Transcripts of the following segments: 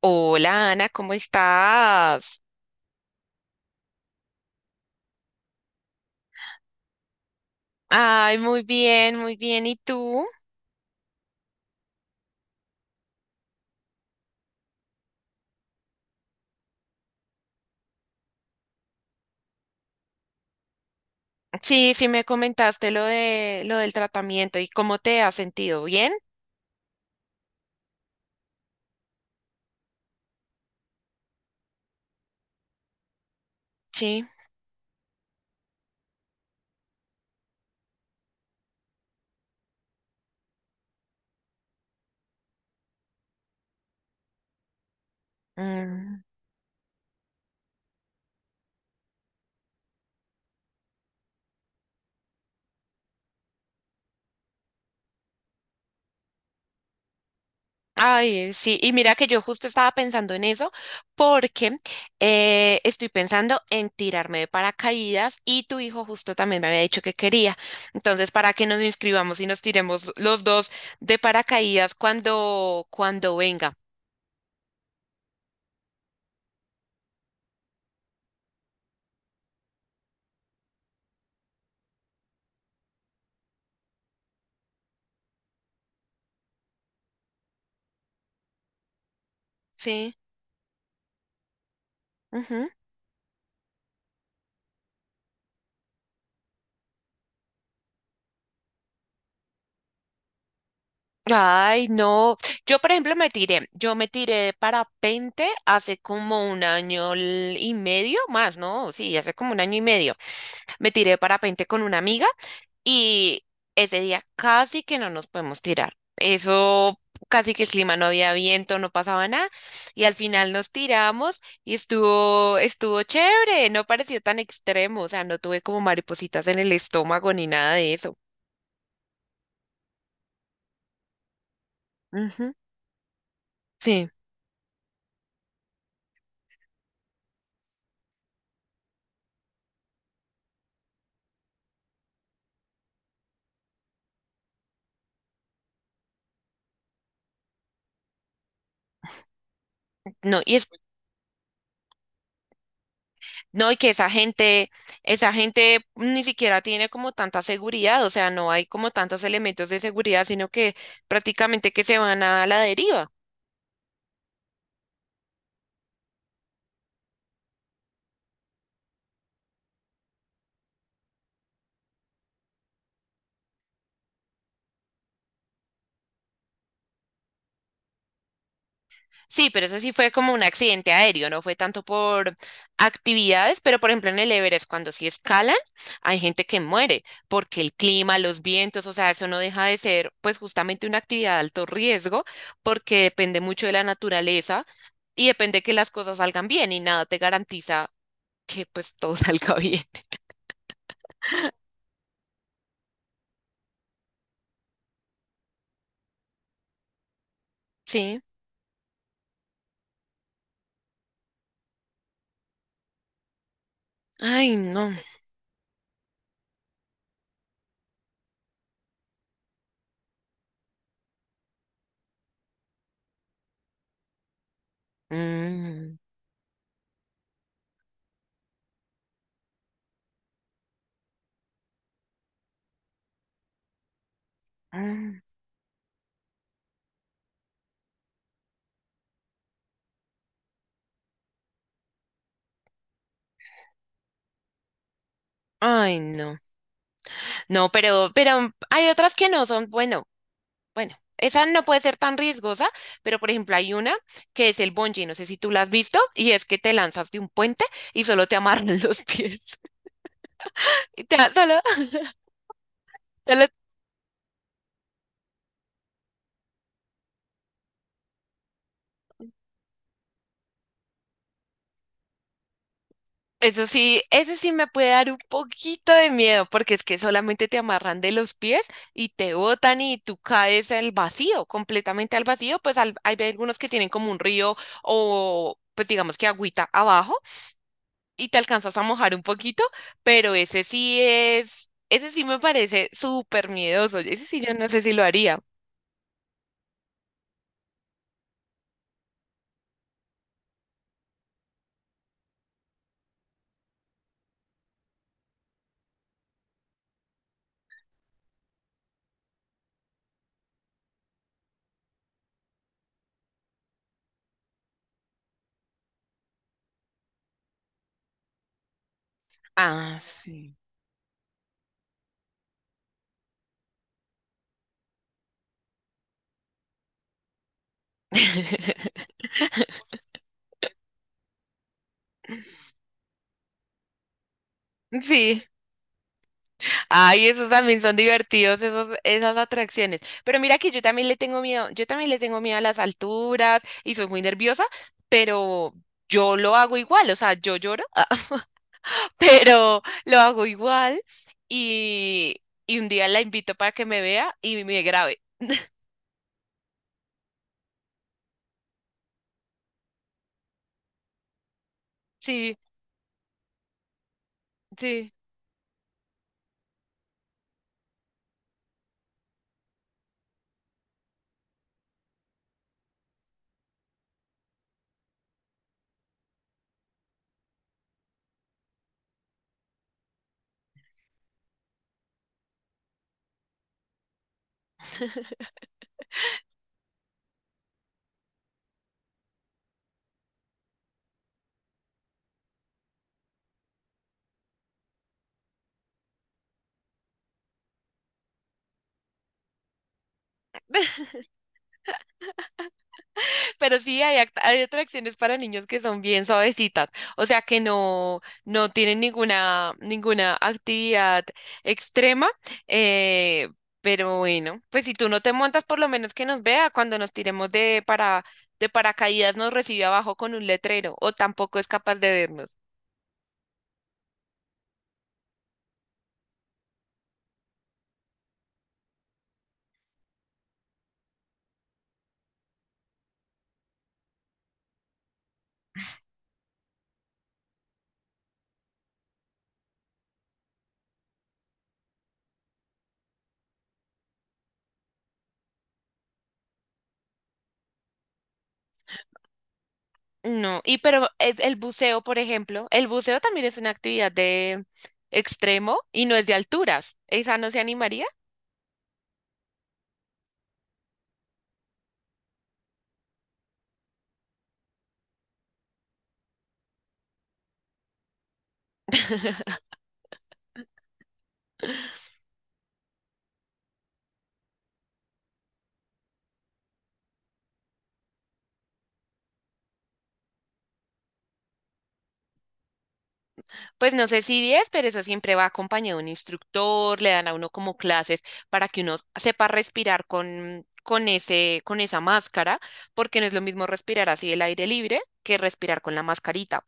Hola Ana, ¿cómo estás? Ay, muy bien, muy bien. ¿Y tú? Sí, sí me comentaste lo del tratamiento y cómo te has sentido. ¿Bien? Sí. Mm. Ay, sí. Y mira que yo justo estaba pensando en eso porque estoy pensando en tirarme de paracaídas y tu hijo justo también me había dicho que quería. Entonces, para que nos inscribamos y nos tiremos los dos de paracaídas cuando venga. Sí. Ay, no. Yo, por ejemplo, me tiré. Yo me tiré de parapente hace como un año y medio más, ¿no? Sí, hace como un año y medio. Me tiré de parapente con una amiga y ese día casi que no nos podemos tirar. Eso, casi que el clima, no había viento, no pasaba nada. Y al final nos tiramos y estuvo, estuvo chévere. No pareció tan extremo. O sea, no tuve como maripositas en el estómago ni nada de eso. Ujú. Sí, no, y es. No, y que esa gente ni siquiera tiene como tanta seguridad, o sea, no hay como tantos elementos de seguridad, sino que prácticamente que se van a la deriva. Sí, pero eso sí fue como un accidente aéreo, no fue tanto por actividades, pero por ejemplo en el Everest, cuando sí escalan, hay gente que muere porque el clima, los vientos, o sea, eso no deja de ser pues justamente una actividad de alto riesgo porque depende mucho de la naturaleza y depende que las cosas salgan bien y nada te garantiza que pues todo salga bien. Sí. Ay, no. Mm, mm. Ay, no. No, pero hay otras que no son, bueno, bueno, esa no puede ser tan riesgosa, pero por ejemplo hay una que es el bungee, no sé si tú la has visto, y es que te lanzas de un puente y solo te amarran los pies. Y te, solo, solo. Eso sí me puede dar un poquito de miedo, porque es que solamente te amarran de los pies y te botan y tú caes al vacío, completamente al vacío. Pues hay algunos que tienen como un río o pues digamos que agüita abajo y te alcanzas a mojar un poquito, pero ese sí es, ese sí me parece súper miedoso. Ese sí yo no sé si lo haría. Ah, sí. Sí. Ay, esos también son divertidos, esos, esas atracciones. Pero mira que yo también le tengo miedo, yo también le tengo miedo a las alturas y soy muy nerviosa, pero yo lo hago igual, o sea, yo lloro, pero lo hago igual y, y un día la invito para que me vea y me grabe. Sí, sí. Pero sí hay, hay atracciones para niños que son bien suavecitas, o sea que no, no tienen ninguna, ninguna actividad extrema, eh, pero bueno, pues si tú no te montas, por lo menos que nos vea cuando nos tiremos de para, de paracaídas, nos recibe abajo con un letrero, o tampoco es capaz de vernos. No, y pero el buceo, por ejemplo, el buceo también es una actividad de extremo y no es de alturas. Esa no se animaría. Pues no sé si 10, pero eso siempre va acompañado de un instructor, le dan a uno como clases para que uno sepa respirar con ese, con esa máscara, porque no es lo mismo respirar así el aire libre que respirar con la mascarita.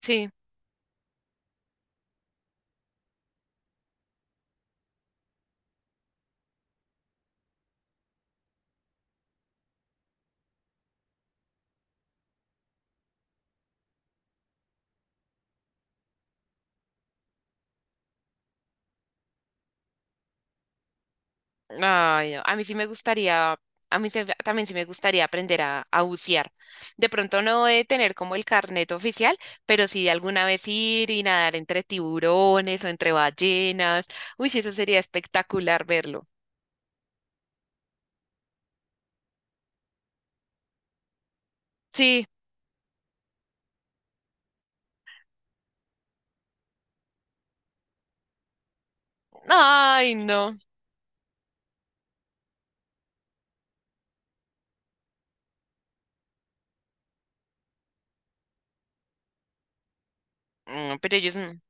Sí. Ay, no, a mí sí me gustaría, a mí también sí me gustaría aprender a bucear. De pronto no de tener como el carnet oficial, pero sí de alguna vez ir y nadar entre tiburones o entre ballenas. Uy, sí, eso sería espectacular verlo. Sí. Ay, no. No, pero ellos,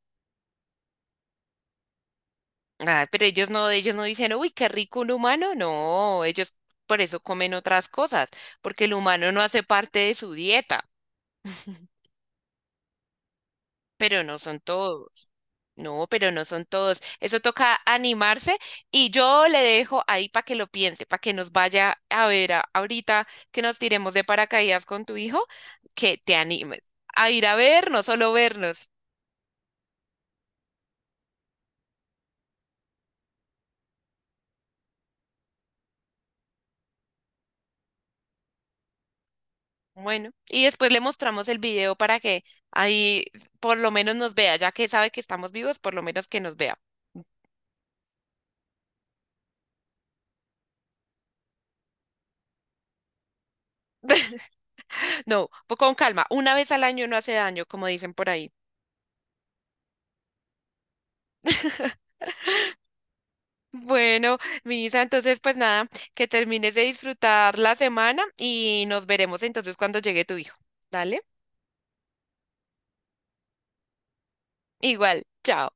ah, pero ellos no dicen, uy, qué rico un humano. No, ellos por eso comen otras cosas, porque el humano no hace parte de su dieta, pero no son todos. No, pero no son todos. Eso toca animarse y yo le dejo ahí para que lo piense, para que nos vaya a ver ahorita que nos tiremos de paracaídas con tu hijo, que te animes a ir a ver, no solo vernos. Bueno, y después le mostramos el video para que ahí por lo menos nos vea, ya que sabe que estamos vivos, por lo menos que nos vea. No, con calma, una vez al año no hace daño, como dicen por ahí. Bueno, Misa, entonces pues nada, que termines de disfrutar la semana y nos veremos entonces cuando llegue tu hijo. Dale, igual, chao.